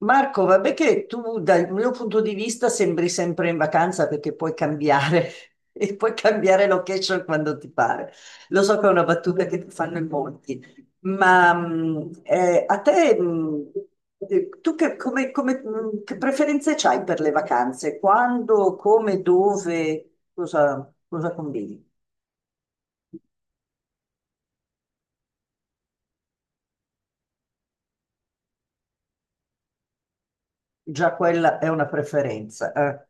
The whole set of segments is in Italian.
Marco, vabbè che tu dal mio punto di vista sembri sempre in vacanza perché puoi cambiare e puoi cambiare location quando ti pare. Lo so che è una battuta che ti fanno in molti, ma a te, tu che, che preferenze hai per le vacanze? Quando, come, dove, cosa, cosa combini? Già quella è una preferenza, eh.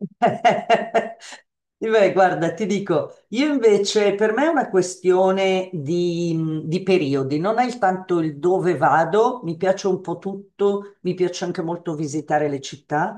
Beh, guarda, ti dico, io invece per me è una questione di periodi, non è il tanto il dove vado, mi piace un po' tutto, mi piace anche molto visitare le città,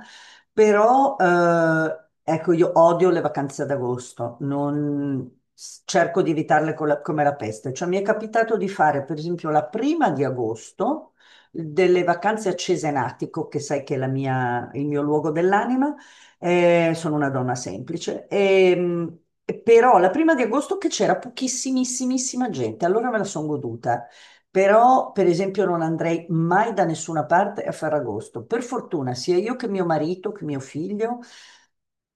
però ecco, io odio le vacanze ad agosto, cerco di evitarle come la peste, cioè mi è capitato di fare per esempio la prima di agosto delle vacanze a Cesenatico, che sai che è il mio luogo dell'anima, sono una donna semplice. Però la prima di agosto che c'era pochissimissimissima gente, allora me la sono goduta. Però, per esempio, non andrei mai da nessuna parte a Ferragosto. Per fortuna, sia io che mio marito, che mio figlio,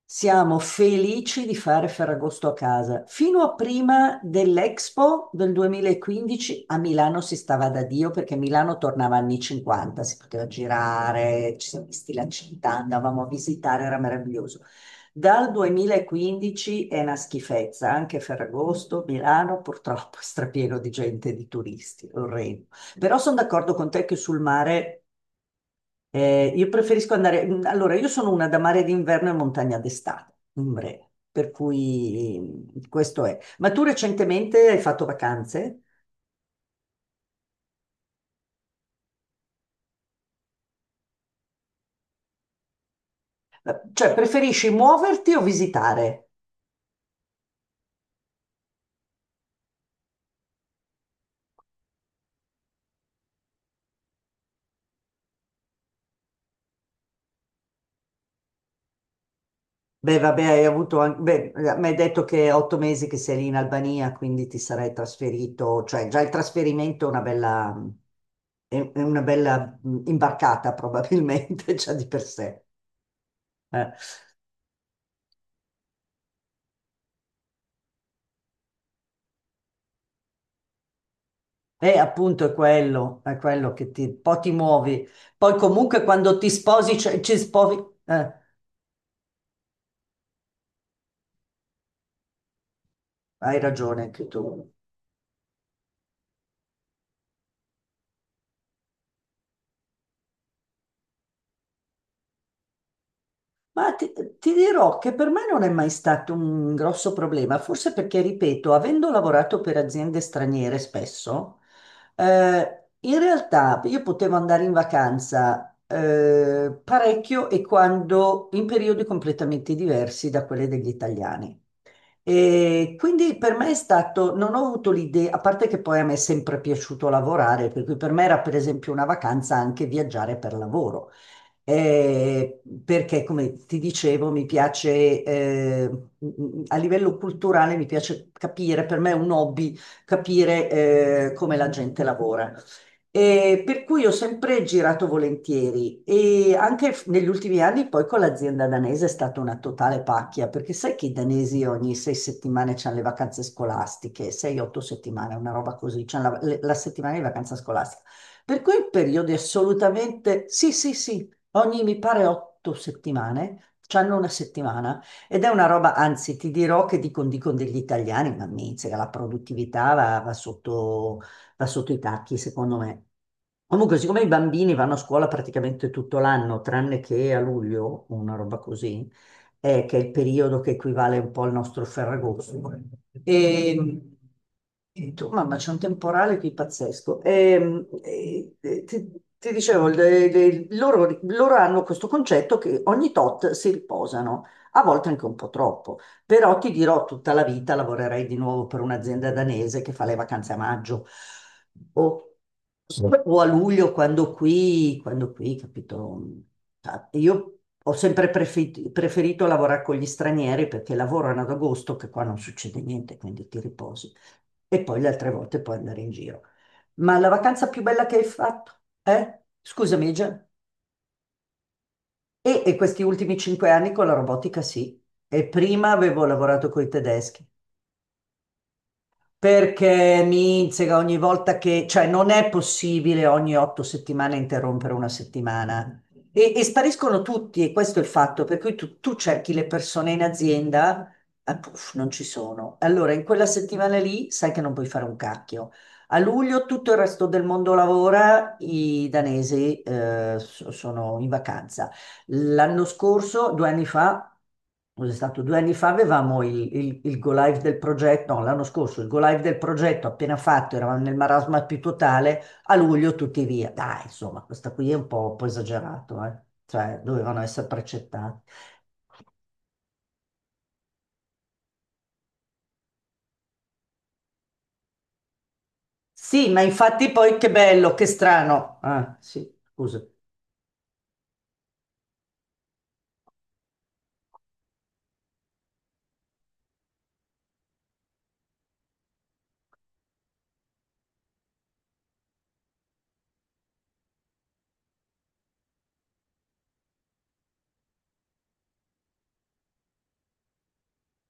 siamo felici di fare Ferragosto a casa. Fino a prima dell'Expo del 2015 a Milano si stava da Dio, perché Milano tornava anni 50, si poteva girare, ci siamo visti la città, andavamo a visitare, era meraviglioso. Dal 2015 è una schifezza, anche Ferragosto, Milano purtroppo è strapieno di gente, di turisti, orrendo. Però sono d'accordo con te che sul mare io preferisco andare. Allora, io sono una da mare d'inverno e montagna d'estate, in breve, per cui questo è. Ma tu recentemente hai fatto vacanze? Cioè, preferisci muoverti o visitare? Beh, vabbè, hai avuto anche, beh, mi hai detto che è 8 mesi che sei lì in Albania, quindi ti sarai trasferito, cioè già il trasferimento è una bella, è una bella imbarcata probabilmente già di per sé. Eh. E appunto è quello che ti, poi ti muovi. Poi comunque quando ti sposi, cioè, ci sposi, eh, hai ragione anche tu. Ma ti, ti dirò che per me non è mai stato un grosso problema, forse perché, ripeto, avendo lavorato per aziende straniere spesso, in realtà io potevo andare in vacanza parecchio e quando in periodi completamente diversi da quelli degli italiani. E quindi per me è stato, non ho avuto l'idea, a parte che poi a me è sempre piaciuto lavorare, per cui per me era per esempio una vacanza anche viaggiare per lavoro perché, come ti dicevo, mi piace, a livello culturale, mi piace capire, per me è un hobby, capire, come la gente lavora. E per cui ho sempre girato volentieri e anche negli ultimi anni poi con l'azienda danese è stata una totale pacchia, perché sai che i danesi ogni 6 settimane c'hanno le vacanze scolastiche, 6, 8 settimane, una roba così, c'hanno la settimana di vacanza scolastica. Per cui periodi assolutamente, sì, sì, sì, ogni, mi pare, 8 settimane, c'hanno una settimana ed è una roba, anzi, ti dirò che dicono degli italiani, ma miseria, la produttività va sotto i tacchi, secondo me. Comunque, siccome i bambini vanno a scuola praticamente tutto l'anno, tranne che a luglio, una roba così, che è il periodo che equivale un po' al nostro Ferragosto. E, e tu, mamma, c'è un temporale qui pazzesco. Ti dicevo, loro hanno questo concetto che ogni tot si riposano, a volte anche un po' troppo, però ti dirò tutta la vita lavorerei di nuovo per un'azienda danese che fa le vacanze a maggio. Boh, o a luglio quando qui, capito? Ah, io ho sempre preferito lavorare con gli stranieri perché lavorano ad agosto, che qua non succede niente, quindi ti riposi. E poi le altre volte puoi andare in giro. Ma la vacanza più bella che hai fatto? Eh? Scusami, Gian. E questi ultimi 5 anni con la robotica, sì. E prima avevo lavorato con i tedeschi. Perché mi insega ogni volta che, cioè non è possibile ogni 8 settimane interrompere una settimana. E spariscono tutti, e questo è il fatto, per cui tu cerchi le persone in azienda, ah, puff, non ci sono. Allora, in quella settimana lì sai che non puoi fare un cacchio. A luglio tutto il resto del mondo lavora, i danesi sono in vacanza. L'anno scorso, due anni fa, cos'è stato? Due anni fa avevamo il go live del progetto, no, l'anno scorso il go live del progetto appena fatto, eravamo nel marasma più totale, a luglio tutti via. Dai, insomma, questa qui è un po' esagerato, eh. Cioè, dovevano essere precettati. Sì, ma infatti poi che bello, che strano. Ah, sì, scusa.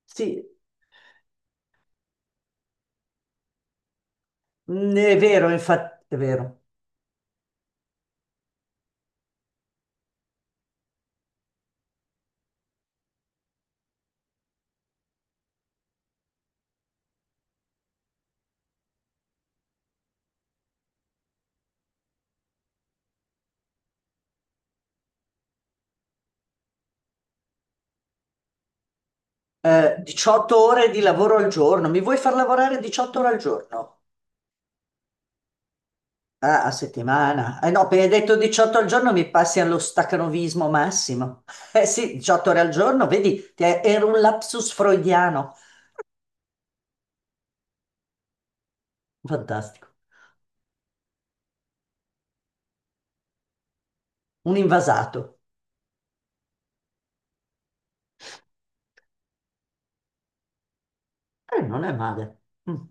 Sì, mm, è vero, infatti, è vero. 18 ore di lavoro al giorno, mi vuoi far lavorare 18 ore al giorno? Ah, a settimana. Eh no, appena hai detto 18 al giorno mi passi allo stacanovismo massimo. Eh sì, 18 ore al giorno, vedi, era un lapsus freudiano. Fantastico. Un invasato. Non è male. Mm,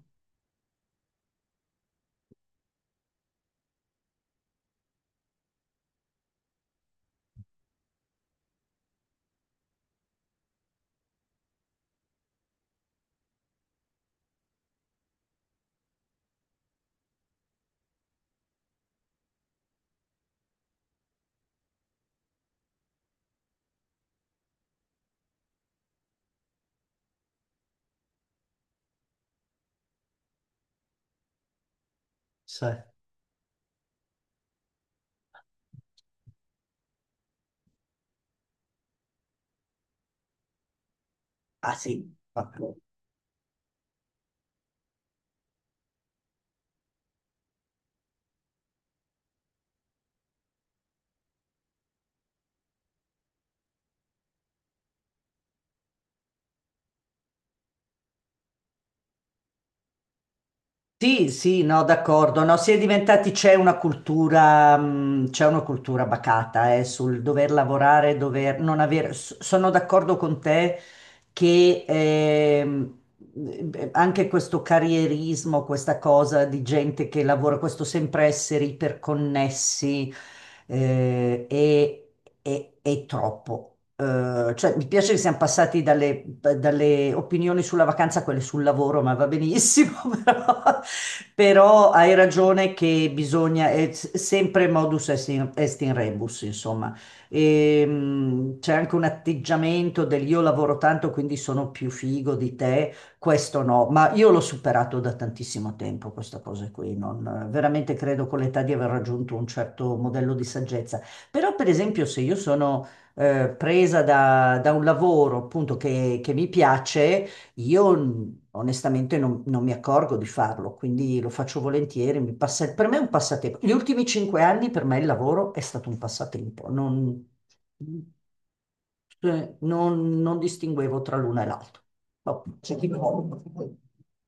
sì. Ah sì, vabbè. Sì, sì, no, d'accordo. No, si è diventati, c'è una cultura bacata, sul dover lavorare, dover non avere. Sono d'accordo con te che anche questo carrierismo, questa cosa di gente che lavora, questo sempre essere iperconnessi eh, è, è troppo. Cioè, mi piace che siamo passati dalle opinioni sulla vacanza a quelle sul lavoro, ma va benissimo, però, però hai ragione che bisogna, è sempre modus est in, est in rebus, insomma. C'è anche un atteggiamento del io lavoro tanto, quindi sono più figo di te, questo no, ma io l'ho superato da tantissimo tempo, questa cosa qui. Non, veramente credo con l'età di aver raggiunto un certo modello di saggezza. Però, per esempio, se io sono presa da un lavoro appunto che mi piace, io onestamente non mi accorgo di farlo, quindi lo faccio volentieri. Per me è un passatempo. Gli ultimi 5 anni per me il lavoro è stato un passatempo. Non... Cioè, non distinguevo tra l'una e l'altra. Vabbè, c'è chi vuole.